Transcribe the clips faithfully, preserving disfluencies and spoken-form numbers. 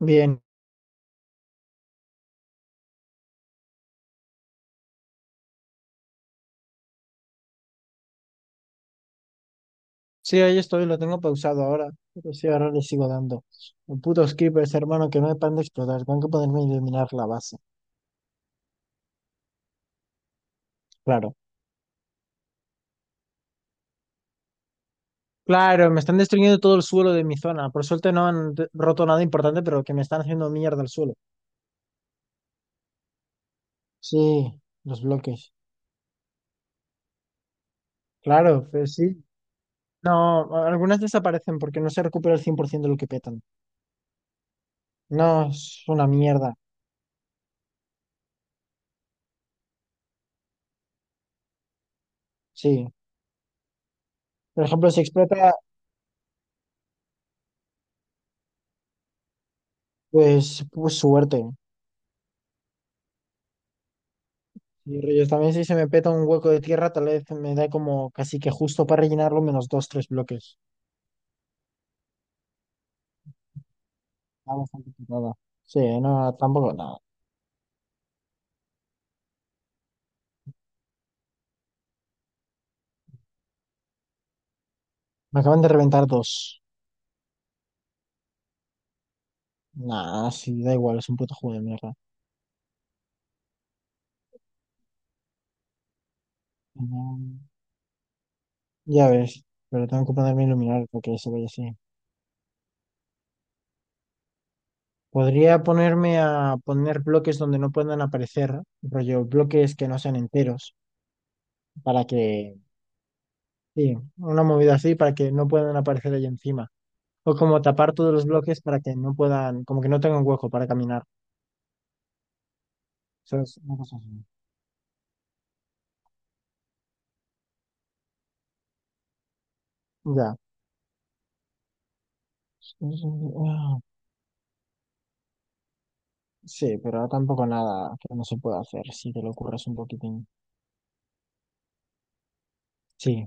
Bien, sí, ahí estoy, lo tengo pausado ahora, pero sí, ahora le sigo dando. Los putos creepers, hermano, que no me paran de explotar, tengo que poderme eliminar la base, claro. Claro, me están destruyendo todo el suelo de mi zona, por suerte no han de- roto nada importante, pero que me están haciendo mierda el suelo. Sí, los bloques, claro, pues sí. No, a- algunas desaparecen porque no se recupera el cien por ciento de lo que petan. No, es una mierda, sí. Por ejemplo, si explota, pues, pues suerte. Y Reyes, también si se me peta un hueco de tierra, tal vez me da como casi que justo para rellenarlo menos dos, tres bloques. Está bastante petada. Sí, no, tampoco, nada. Me acaban de reventar dos. Nada, sí, da igual, es un puto juego de mierda. Mm. Ya ves, pero tengo que ponerme a iluminar porque se vaya así. Podría ponerme a poner bloques donde no puedan aparecer, rollo, bloques que no sean enteros, para que, sí, una movida así para que no puedan aparecer ahí encima. O como tapar todos los bloques para que no puedan, como que no tengan hueco para caminar. Eso una cosa así. Ya. Ah, sí, pero tampoco nada que no se pueda hacer si te lo ocurres un poquitín. Sí.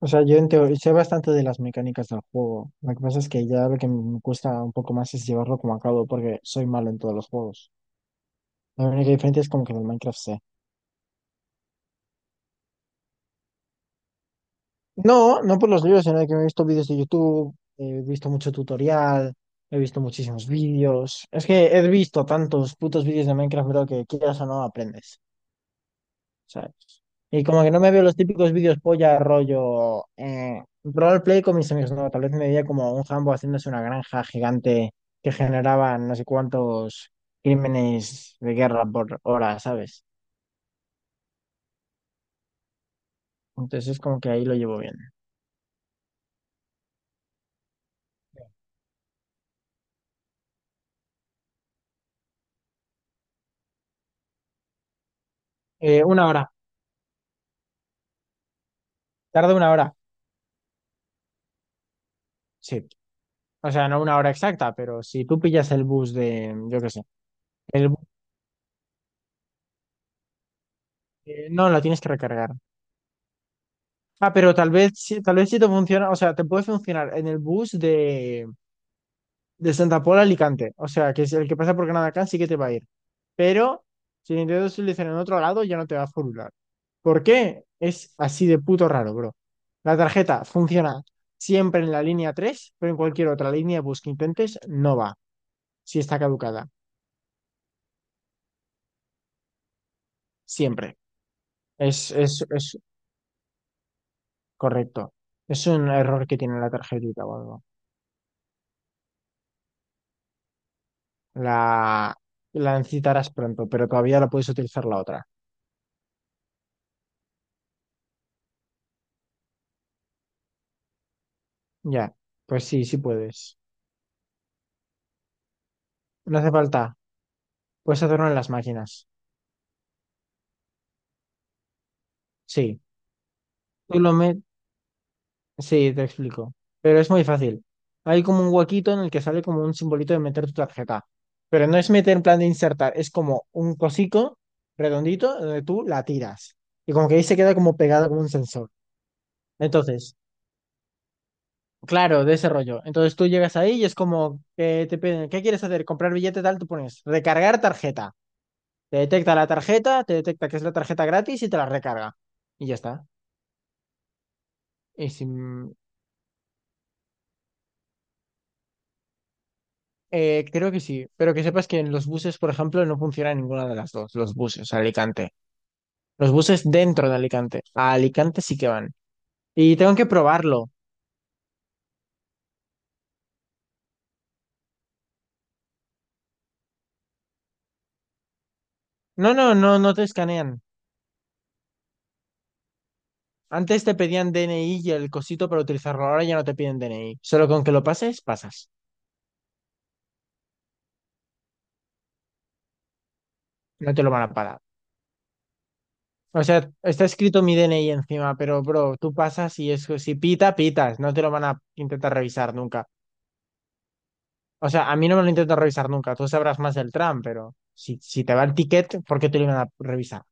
O sea, yo en teoría sé bastante de las mecánicas del juego. Lo que pasa es que ya lo que me cuesta un poco más es llevarlo como a cabo porque soy malo en todos los juegos. La única diferencia es como que en el Minecraft sé. No, no por los libros, sino que me he visto vídeos de YouTube, he visto mucho tutorial, he visto muchísimos vídeos. Es que he visto tantos putos vídeos de Minecraft, bro, que quieras o no aprendes, ¿sabes? Y como que no me veo los típicos vídeos polla, rollo, eh, roleplay con mis amigos, no, tal vez me veía como un jambo haciéndose una granja gigante que generaba no sé cuántos crímenes de guerra por hora, ¿sabes? Entonces es como que ahí lo llevo bien. Eh, una hora, Tarda una hora. Sí. O sea, no una hora exacta, pero si tú pillas el bus de, yo qué sé, el bus de- no, lo tienes que recargar. Ah, pero tal vez, sí- tal vez sí te funciona, o sea, te puede funcionar en el bus de, de Santa Pola a Alicante, o sea, que es el que pasa por Granada sí que te va a ir. Pero si lo intentas utilizar en otro lado, ya no te va a furular. ¿Por qué? Es así de puto raro, bro. La tarjeta funciona siempre en la línea tres, pero en cualquier otra línea de bus que intentes, no va, si está caducada, siempre. Es, es, es correcto. Es un error que tiene la tarjetita o algo. La, la necesitarás pronto, pero todavía la puedes utilizar la otra. Ya, pues sí, sí puedes. No hace falta. Puedes hacerlo en las máquinas. Sí. Tú lo met- Sí, te explico. Pero es muy fácil. Hay como un huequito en el que sale como un simbolito de meter tu tarjeta. Pero no es meter en plan de insertar, es como un cosico redondito donde tú la tiras. Y como que ahí se queda como pegada como un sensor. Entonces, claro, de ese rollo. Entonces tú llegas ahí y es como que te piden, ¿qué quieres hacer? ¿Comprar billete tal? Tú pones recargar tarjeta. Te detecta la tarjeta, te detecta que es la tarjeta gratis y te la recarga. Y ya está. Y sin- eh, Creo que sí, pero que sepas que en los buses, por ejemplo, no funciona ninguna de las dos, los buses a Alicante. Los buses dentro de Alicante. A Alicante sí que van. Y tengo que probarlo. No, no, no, no te escanean. Antes te pedían D N I y el cosito para utilizarlo, ahora ya no te piden D N I. Solo con que lo pases, pasas. No te lo van a parar. O sea, está escrito mi D N I encima, pero bro, tú pasas y eso, si pita, pitas, no te lo van a intentar revisar nunca. O sea, a mí no me lo intentan revisar nunca, tú sabrás más del tram, pero si, si te va el ticket, ¿por qué te lo van a revisar?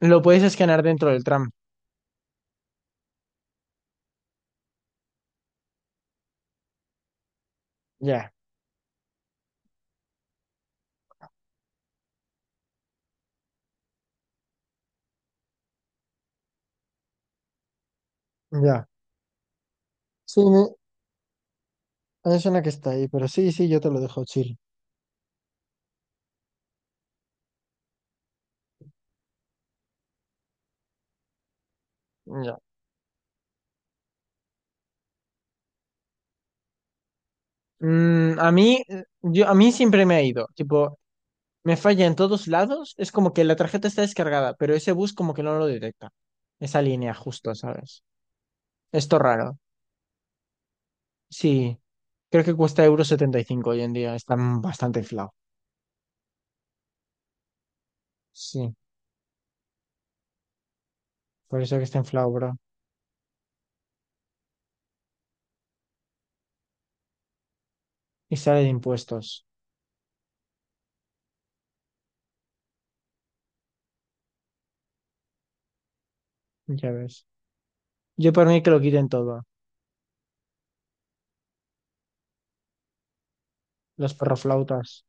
Lo puedes escanear dentro del tram. Ya, ya. Sí, me, me suena que está ahí, pero sí, sí, yo te lo dejo chill. Ya. Mm, a mí, eh, yo, a mí siempre me ha ido, tipo, me falla en todos lados, es como que la tarjeta está descargada, pero ese bus como que no lo detecta, esa línea justo, ¿sabes? Esto raro. Sí. Creo que cuesta euro setenta y cinco hoy en día. Está mm, bastante inflado. Sí. Por eso que está inflado, bro. Y sale de impuestos. Ya ves. Yo por mí que lo quiten todo. Los perroflautas.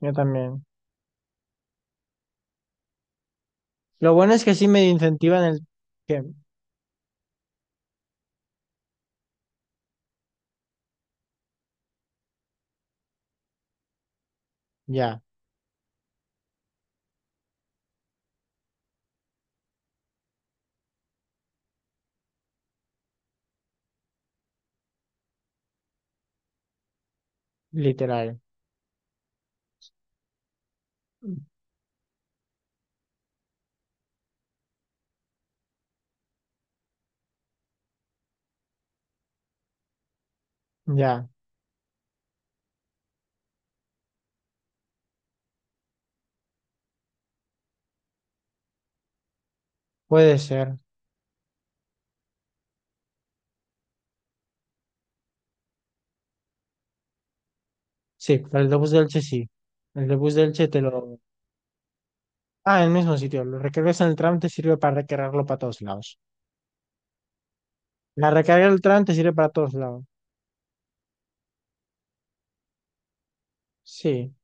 Yo también. Lo bueno es que sí me incentivan el que. Ya. Literal. Ya. Puede ser. Sí. Para el de bus de Elche sí. El de bus de Elche te lo. Ah, en el mismo sitio. Lo recargas en el tram, te sirve para recargarlo para todos lados. La recarga del tram te sirve para todos lados. Sí.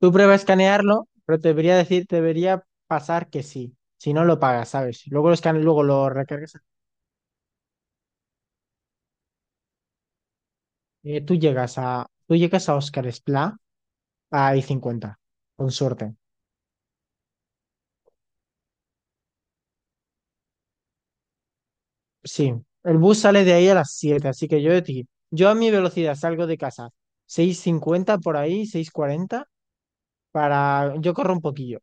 Tú prueba a escanearlo, pero te debería decir, te debería pasar que sí. Si no lo pagas, ¿sabes? Luego lo escaneas, luego lo recargas. Eh, tú llegas a, tú llegas a Oscar Esplá a I cincuenta, con suerte. Sí, el bus sale de ahí a las siete, así que yo de ti, yo a mi velocidad salgo de casa seis cincuenta por ahí, seis cuarenta para, yo corro un poquillo,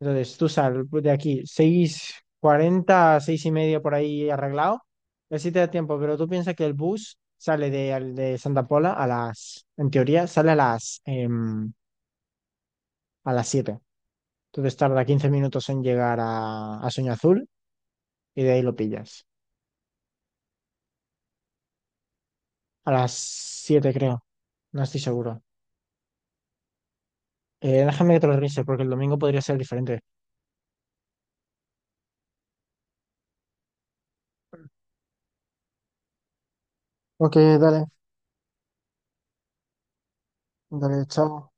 entonces, tú sal de aquí, seis cuarenta seis y media por ahí arreglado. Así te da tiempo, pero tú piensas que el bus sale de, al- de Santa Pola a las, en teoría, sale a las, em, a las siete. Entonces tarda quince minutos en llegar a, a, Sueño Azul y de ahí lo pillas. A las siete creo, no estoy seguro. Eh, déjame que te lo revise porque el domingo podría ser diferente. Ok, dale, dale, chao.